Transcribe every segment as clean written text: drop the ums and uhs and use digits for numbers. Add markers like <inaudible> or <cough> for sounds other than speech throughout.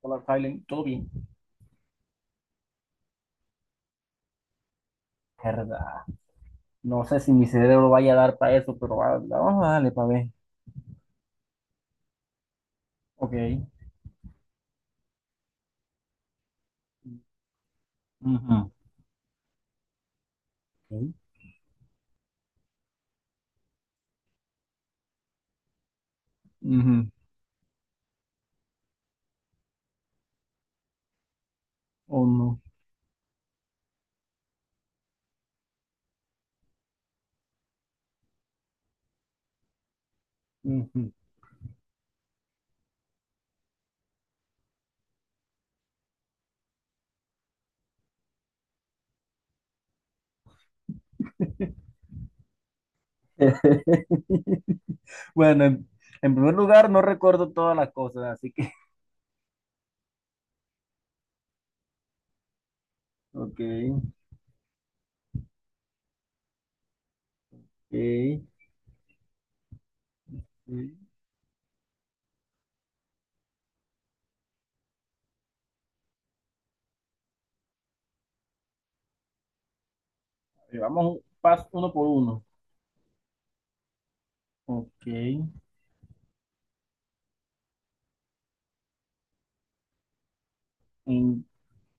Hola, Silent, todo bien. Verdad. No sé si mi cerebro vaya a dar para eso, pero vamos a darle para ver. Ok. Ujú. Ok. Ujú. Oh, no. Ujú. <laughs> Bueno, en primer lugar, no recuerdo todas las cosas, así que. <laughs> Ok. Ok. Mm. A ver, vamos un paso uno por uno. Ok.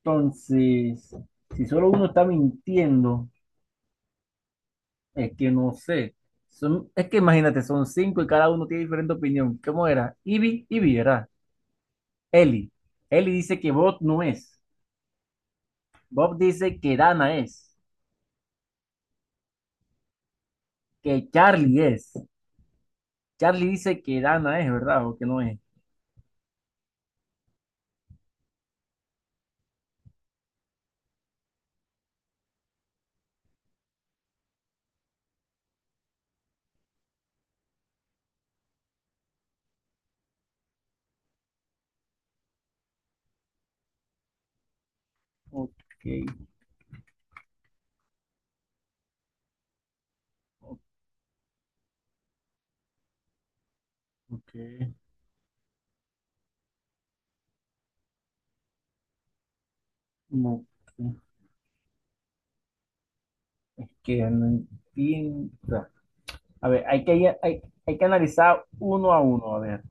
Entonces, si solo uno está mintiendo. Es que no sé. Son, es que imagínate, son cinco y cada uno tiene diferente opinión. ¿Cómo era? Ivy era. Eli. Eli dice que Bob no es. Bob dice que Dana es. Que Charlie es. Charlie dice que Dana es, ¿verdad? O que no es. Ok. Ok. Ok. No, que no entiendo. A ver, hay que analizar uno a uno. A ver.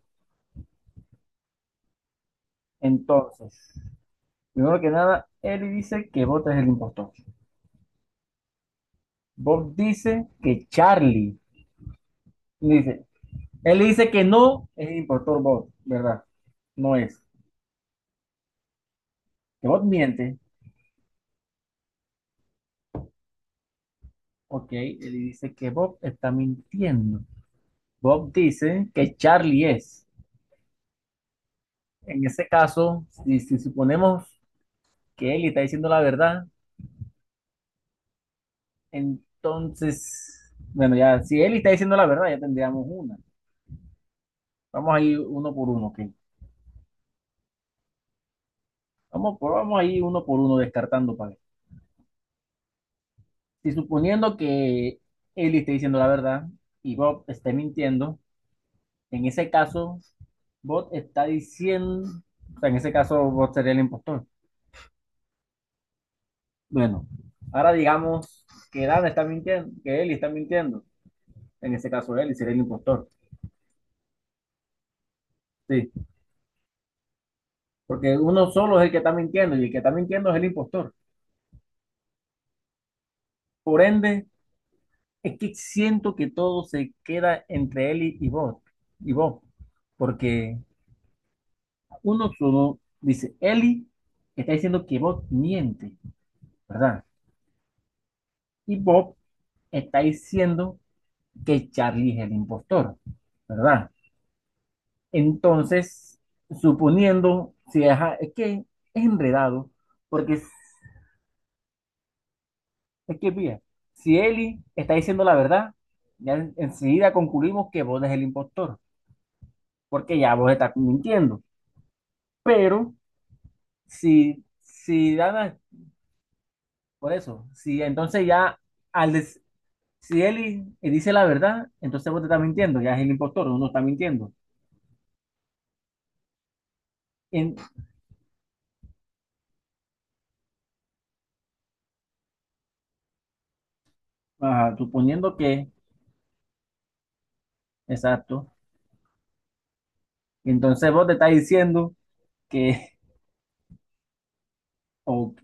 Entonces, primero que nada, Eli dice que Bob es el impostor. Bob dice que Charlie. Dice, él dice que no es el impostor Bob, ¿verdad? No es. Que Bob miente. Ok, él dice que Bob está mintiendo. Bob dice que Charlie es. En ese caso, si suponemos que Ellie está diciendo la verdad, entonces, bueno, ya, si Ellie está diciendo la verdad, ya tendríamos una. Vamos a ir uno por uno, ok. Vamos a ir uno por uno descartando para si suponiendo que Ellie esté diciendo la verdad y Bob esté mintiendo, en ese caso, Bob está diciendo, o sea, en ese caso, Bob sería el impostor. Bueno, ahora digamos que Dan está mintiendo, que Ellie está mintiendo. En ese caso, Ellie sería el impostor. Sí, porque uno solo es el que está mintiendo y el que está mintiendo es el impostor. Por ende, es que siento que todo se queda entre Ellie y Bob, y Bob, porque 1-1 dice, Eli está diciendo que Bob miente, ¿verdad? Y Bob está diciendo que Charlie es el impostor, ¿verdad? Entonces, suponiendo, si es, es que es enredado, porque es que, mira, si Eli está diciendo la verdad, ya enseguida concluimos que Bob es el impostor, porque ya Bob está mintiendo. Pero si Dana, por eso, si entonces ya al, si él, y él dice la verdad, entonces vos te estás mintiendo, ya es el impostor, uno está mintiendo. En, ajá, suponiendo que, exacto. Entonces vos te estás diciendo que, <laughs> ok,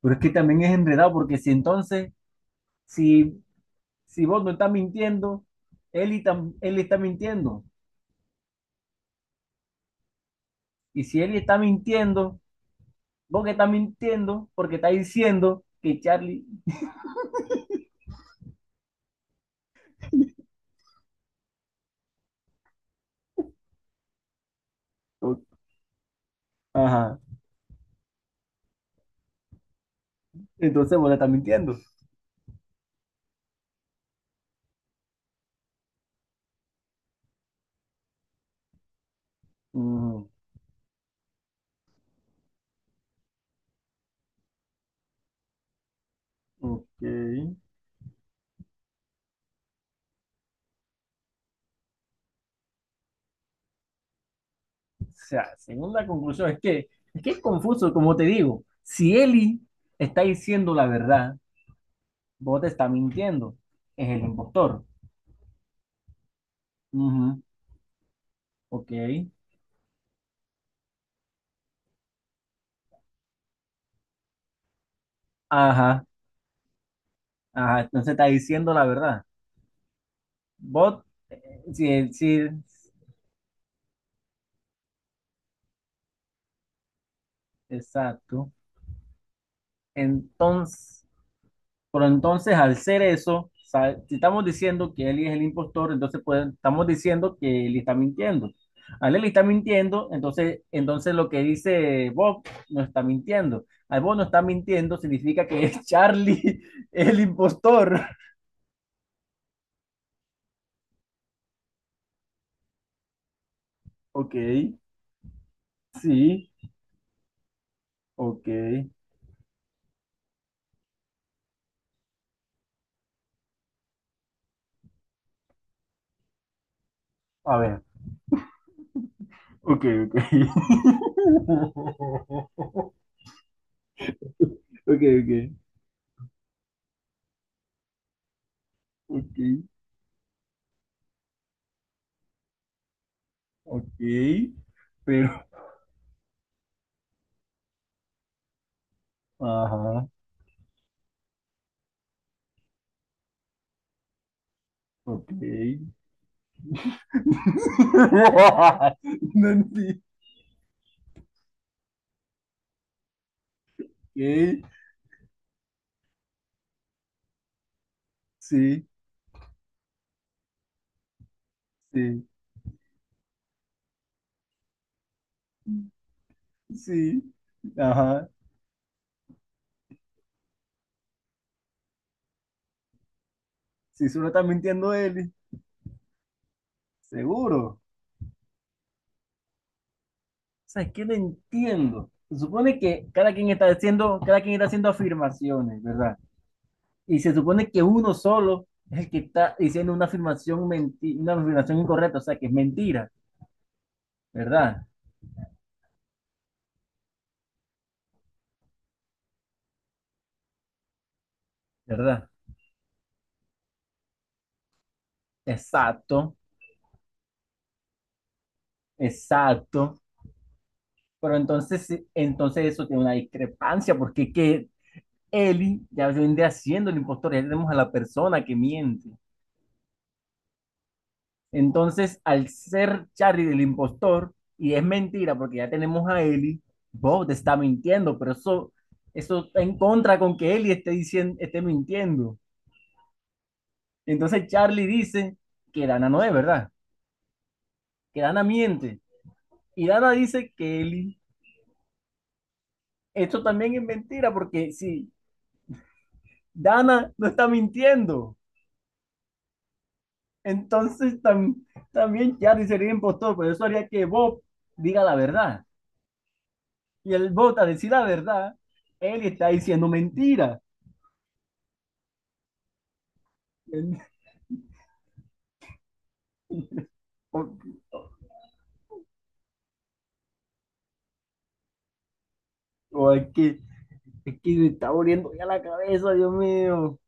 pero es que también es enredado, porque si entonces, si, si vos no estás mintiendo, él, y él está mintiendo. Y si él está mintiendo, vos que estás mintiendo, porque estás diciendo que Charlie, o- ajá, entonces vos le estás mintiendo. Mm, ok. Sea, segunda conclusión es que es confuso, como te digo, si Eli está diciendo la verdad, vos te está mintiendo, es el impostor. Ujú, ok, ajá, ajá, entonces está diciendo la verdad. Vos, sí, sí. Exacto. Entonces... Pero entonces, al ser eso, si estamos diciendo que Eli es el impostor, entonces pues, estamos diciendo que Eli está mintiendo. Al Eli está mintiendo, entonces lo que dice Bob no está mintiendo. Al Bob no está mintiendo significa que es Charlie <laughs> el impostor. Ok, sí, ok. A ver, ok, ok. <laughs> Ok, ok, ok, ok. Pero, ajá, ok. <laughs> Nanti. Ok, sí, sí, sí. Ajá. Si solo está mintiendo él, seguro. O sea, es que no entiendo. Se supone que cada quien está haciendo afirmaciones, ¿verdad? Y se supone que uno solo es el que está diciendo una una afirmación incorrecta, o sea, que es mentira, ¿verdad? ¿Verdad? Exacto, exacto. Pero entonces, sí, entonces eso tiene una discrepancia, porque que Eli ya vendría haciendo el impostor, ya tenemos a la persona que miente. Entonces, al ser Charlie el impostor, y es mentira porque ya tenemos a Eli, Bob te está mintiendo, eso está en contra con que Eli esté, diciendo, esté mintiendo. Entonces, Charlie dice que Dana no es verdad, que Dana miente. Y Dana dice que Eli, esto también es mentira porque si Dana no está mintiendo, entonces también Charlie sería impostor, pero eso haría que Bob diga la verdad. Y el Bob a decir la verdad, él está diciendo mentira. O, o- o es que me está volviendo ya la cabeza, Dios mío.